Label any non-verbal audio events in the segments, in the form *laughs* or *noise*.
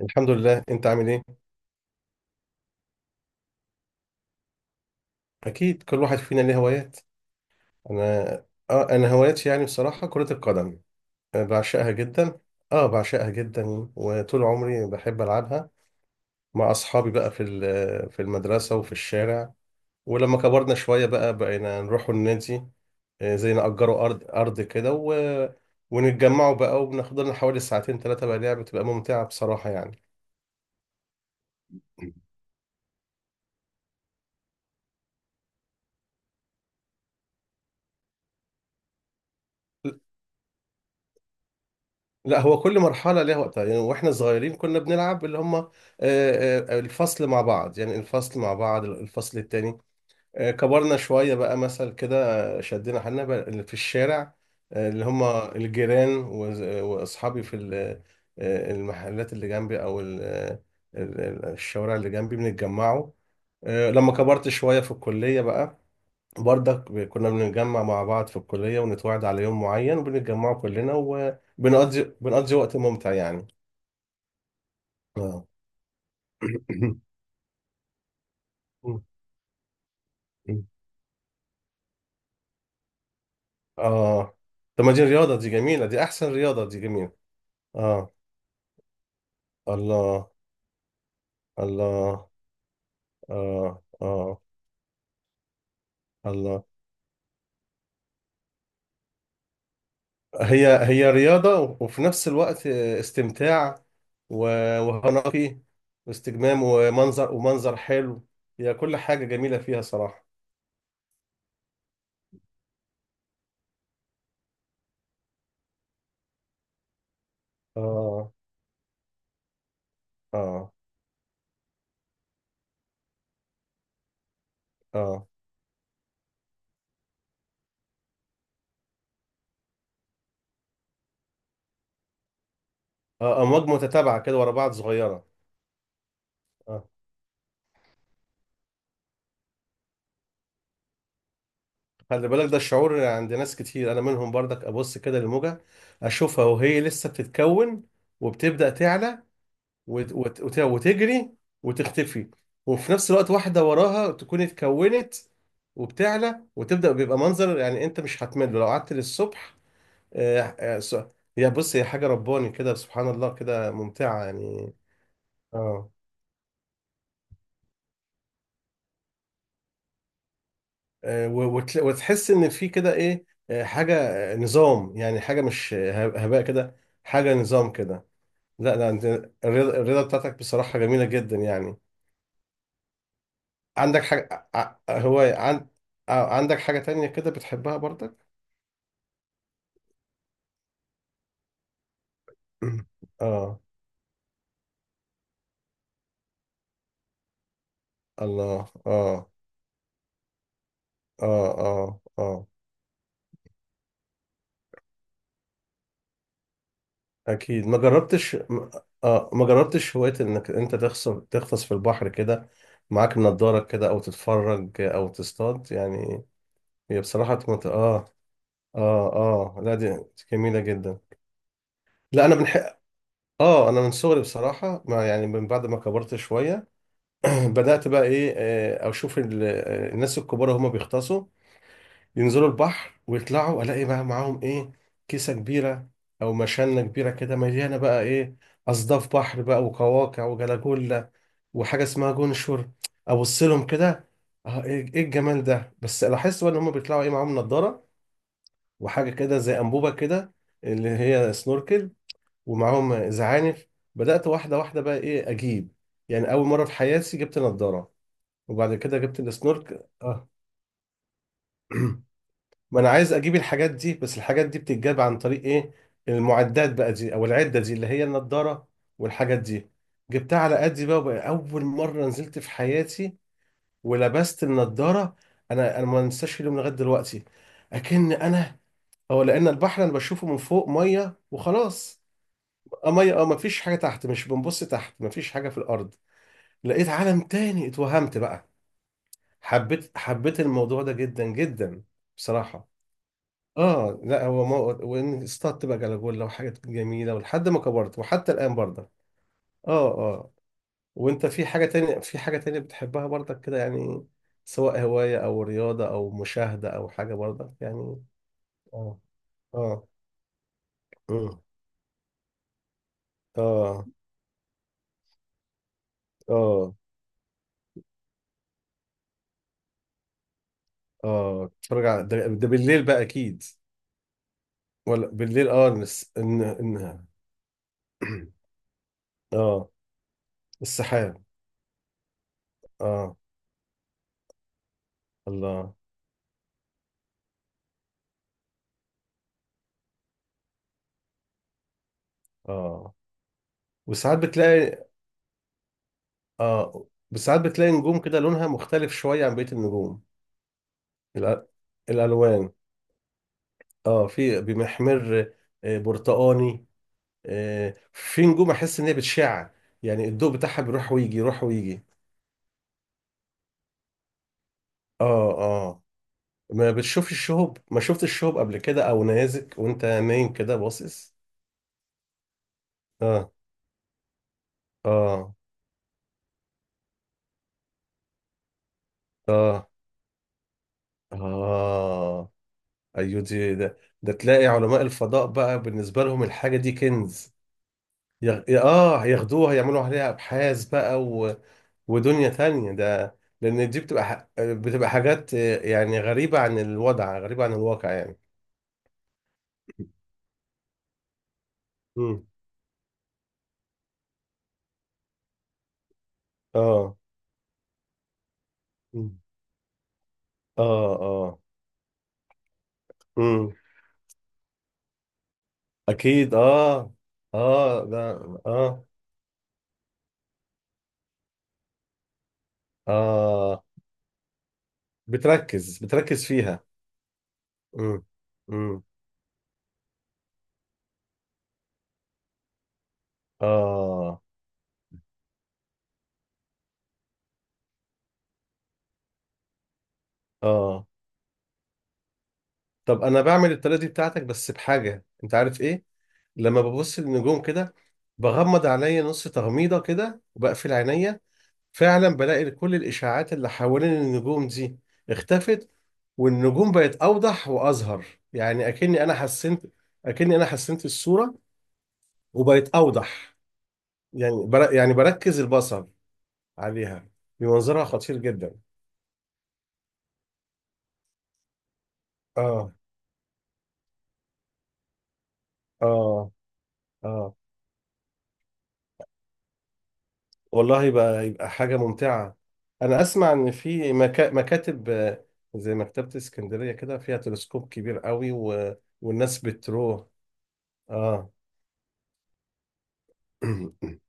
الحمد لله، انت عامل ايه؟ اكيد كل واحد فينا ليه هوايات. انا اه انا هواياتي، بصراحه كره القدم. بعشقها جدا. اه بعشقها جدا وطول عمري بحب العبها مع اصحابي بقى في المدرسه وفي الشارع. ولما كبرنا شويه بقى بقينا نروحوا النادي. زي نأجروا ارض كده و... ونتجمعوا بقى، وبناخد لنا حوالي ساعتين ثلاثه بقى، لعبه بتبقى ممتعه بصراحه يعني. لا، هو كل مرحلة ليها وقتها، يعني واحنا صغيرين كنا بنلعب اللي هم آه، آه، الفصل مع بعض، يعني الفصل مع بعض، الفصل التاني. كبرنا شوية بقى مثل كده. شدينا حالنا بقى اللي في الشارع. آه، اللي هم الجيران وأصحابي في المحلات اللي جنبي، أو الشوارع اللي جنبي بنتجمعوا. لما كبرت شوية في الكلية بقى، برضك كنا بنتجمع مع بعض في الكلية، ونتواعد على يوم معين، وبنتجمعوا كلنا، بنقضي وقت ممتع يعني. اه. *clears throat* *coughs* اه، طب ما دي رياضة، دي جميلة، دي أحسن رياضة، دي جميلة. اه، الله، الله، اه، اه، الله. هي هي رياضة وفي نفس الوقت استمتاع. و- وهنقي واستجمام ومنظر ومنظر حلو. هي كل حاجة جميلة فيها صراحة. اه، اه، اه، اه، امواج متتابعه كده ورا بعض صغيره. اه، خلي بالك، ده الشعور عند ناس كتير، انا منهم برضك، ابص كده للموجه، اشوفها وهي لسه بتتكون وبتبدا تعلى وتجري وتختفي، وفي نفس الوقت واحده وراها تكون اتكونت وبتعلى وتبدا، بيبقى منظر، يعني انت مش هتمل لو قعدت للصبح. آه... آه... س- يا بص، هي حاجه رباني كده، سبحان الله، كده ممتعه يعني. اه وتحس ان في كده ايه، حاجه، نظام، يعني حاجه مش هباء كده. حاجه نظام كده. لا، لا، انت الرياضة بتاعتك بصراحه جميله جدا يعني. عندك حاجه ع- هو عن... عندك حاجه تانية كده بتحبها برضك؟ *clears throat* اه، الله، اه، اه، اه، اه، اكيد. ما جربتش م- اه ما جربتش هوايه انك انت تغطس في البحر كده، معاك نضارة كده، او تتفرج، او تصطاد يعني؟ هي بصراحه مت... اه اه، اه، لا دي جميلة جدا. لا، انا بنحق. اه انا من صغري بصراحة، ما يعني من بعد ما كبرت شوية، *clears throat* بدأت بقى ايه، اشوف الناس الكبار هما بيغطسوا، ينزلوا البحر ويطلعوا، الاقي بقى معاهم ايه، كيسة كبيرة او مشانة كبيرة كده مليانة بقى ايه، اصداف بحر بقى، وقواقع، وجلاجولا، وحاجة اسمها جونشور. ابص لهم كده، ايه، إيه الجمال ده؟ بس لاحظت بقى ان هما بيطلعوا ايه، معاهم نضارة وحاجة كده زي أنبوبة كده اللي هي سنوركل، ومعاهم زعانف. بدأت واحدة واحدة بقى إيه أجيب، يعني أول مرة في حياتي جبت نضارة، وبعد كده جبت السنورك. *clears throat* ما أنا عايز أجيب الحاجات دي، بس الحاجات دي بتتجاب عن طريق إيه، المعدات بقى دي، أو العدة دي اللي هي النضارة والحاجات دي. جبتها على قدي بقى، وبقى أول مرة نزلت في حياتي ولبست النضارة. أنا ما أنساش اليوم لغاية دلوقتي، أكن أنا، هو لأن البحر أنا بشوفه من فوق مية وخلاص. اه مية، مفيش حاجة تحت، مش بنبص تحت، مفيش حاجة في الأرض. لقيت عالم تاني، اتوهمت بقى، حبيت الموضوع ده جدا جدا بصراحة. اه لا هو مو... وان اصطدت بقى جلاجولا وحاجات جميلة، ولحد ما كبرت وحتى الآن برضه. اه، اه. وانت في حاجة تانية، في حاجة تانية بتحبها برضك كده يعني؟ سواء هواية، أو رياضة، أو مشاهدة، أو حاجة برضك يعني؟ اه، اه، مم، اه، اه، اه. بتفرج على ده بالليل بقى اكيد؟ ولا بالليل، ان *clears throat* اه، السحاب، اه، الله، اه، وساعات بتلاقي اه وساعات بتلاقي نجوم كده لونها مختلف شوية عن بقية النجوم. الأ- الألوان، اه، في بمحمر، برتقاني، في نجوم أحس إن هي بتشع، يعني الضوء بتاعها بيروح ويجي، يروح ويجي. اه، اه. ما بتشوفش الشهب؟ ما شفتش الشهب قبل كده، أو نيازك وأنت نايم كده باصص؟ اه، اه، اه، اه، ايوه دي، ده تلاقي علماء الفضاء بقى بالنسبه لهم الحاجه دي كنز، يغ... اه ياخدوها يعملوا عليها ابحاث بقى، و... ودنيا تانية. ده لان دي بتبقى حاجات، يعني غريبه عن الوضع، غريبه عن الواقع يعني. مم. اه. مم. اه، اه. مم. اكيد، اه، اه، ده، اه، اه، بتركز فيها. مم. مم. اه، اه، طب انا بعمل الطريقه دي بتاعتك، بس بحاجه، انت عارف ايه؟ لما ببص للنجوم كده، بغمض عينيا نص تغميضه كده، وبقفل عينيا، فعلا بلاقي كل الاشاعات اللي حوالين النجوم دي اختفت، والنجوم بقت اوضح واظهر، يعني اكني انا حسنت، اكني انا حسنت الصوره وبقت اوضح، يعني يعني بركز البصر عليها، بمنظرها خطير جدا. اه، اه، اه، والله يبقى، حاجة ممتعة. أنا أسمع إن في مكاتب، زي مكتبة اسكندرية كده فيها تلسكوب كبير قوي و... والناس بتروح. آه *clears throat* آه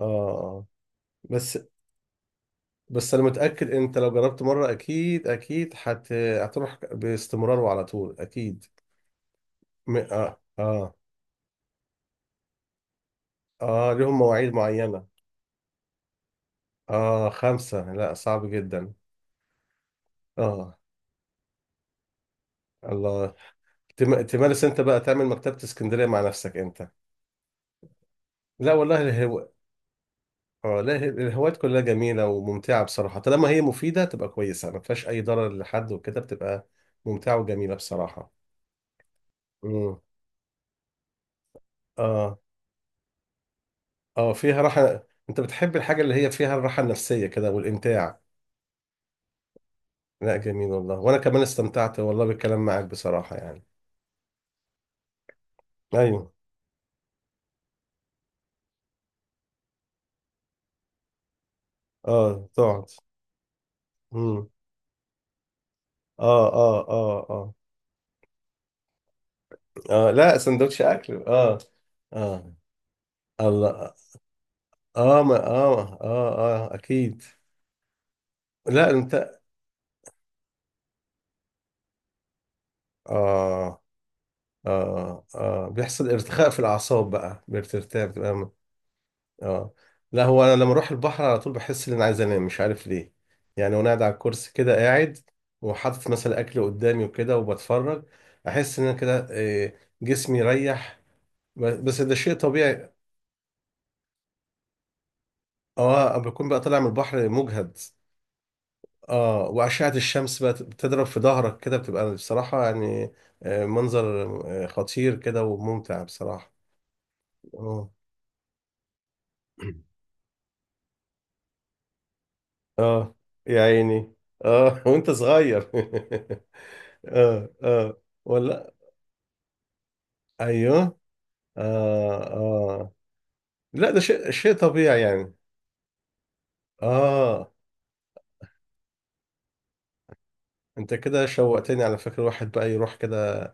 آه. بس بس أنا متأكد أنت لو جربت مرة أكيد أكيد هتروح باستمرار وعلى طول أكيد. م... آه آه آه لهم مواعيد معينة. خمسة؟ لا صعب جدا. آه الله. تمارس أنت بقى تعمل مكتبة اسكندرية مع نفسك أنت؟ لا والله. اه، لا الهوايات كلها جميلة وممتعة بصراحة، طالما هي مفيدة تبقى كويسة، ما فيهاش أي ضرر لحد، وكده بتبقى ممتعة وجميلة بصراحة. امم، اه، اه، فيها راحة. أنت بتحب الحاجة اللي هي فيها الراحة النفسية كده والإمتاع. لا جميل والله، وأنا كمان استمتعت والله بالكلام معاك بصراحة يعني. أيوه. اه، تقعد. امم، اه، اه، اه، اه، اه، لا سندوتش أكل، اه. اه، الله، اه، ما اه، اه، اه، أكيد. لا، أنت، اه، اه، اه، بيحصل ارتخاء في الاعصاب بقى، بترتاح، اه، لا هو انا لما اروح البحر على طول بحس ان انا عايز انام، مش عارف ليه، يعني وانا قاعد على الكرسي كده قاعد، وحاطط مثلا اكل قدامي وكده وبتفرج، احس ان انا كده إيه، جسمي ريح. بس ده شيء طبيعي. اه، بكون بقى طالع من البحر مجهد. اه، واشعه الشمس بقى بتضرب في ظهرك كده، بتبقى بصراحه يعني منظر، خطير كده وممتع بصراحه. اه، اه، يا عيني، اه، *laughs* وانت صغير *laughs* اه، اه، ولا، ايوه، اه، اه، لا ده شيء طبيعي يعني. اه، انت كده شوقتني على فكرة، واحد بقى يروح كده،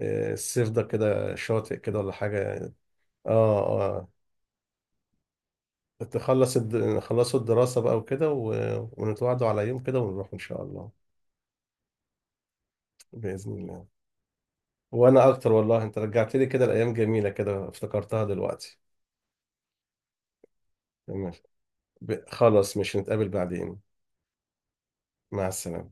الصيف ده كده شاطئ كده ولا حاجة يعني. اه، اه، خلصوا الدراسة بقى وكده و... ونتوعدوا على يوم كده ونروح ان شاء الله. بإذن الله. وانا اكتر والله، انت رجعت لي كده الايام جميلة، كده افتكرتها دلوقتي. تمام. خلاص، مش نتقابل بعدين. مع السلامة.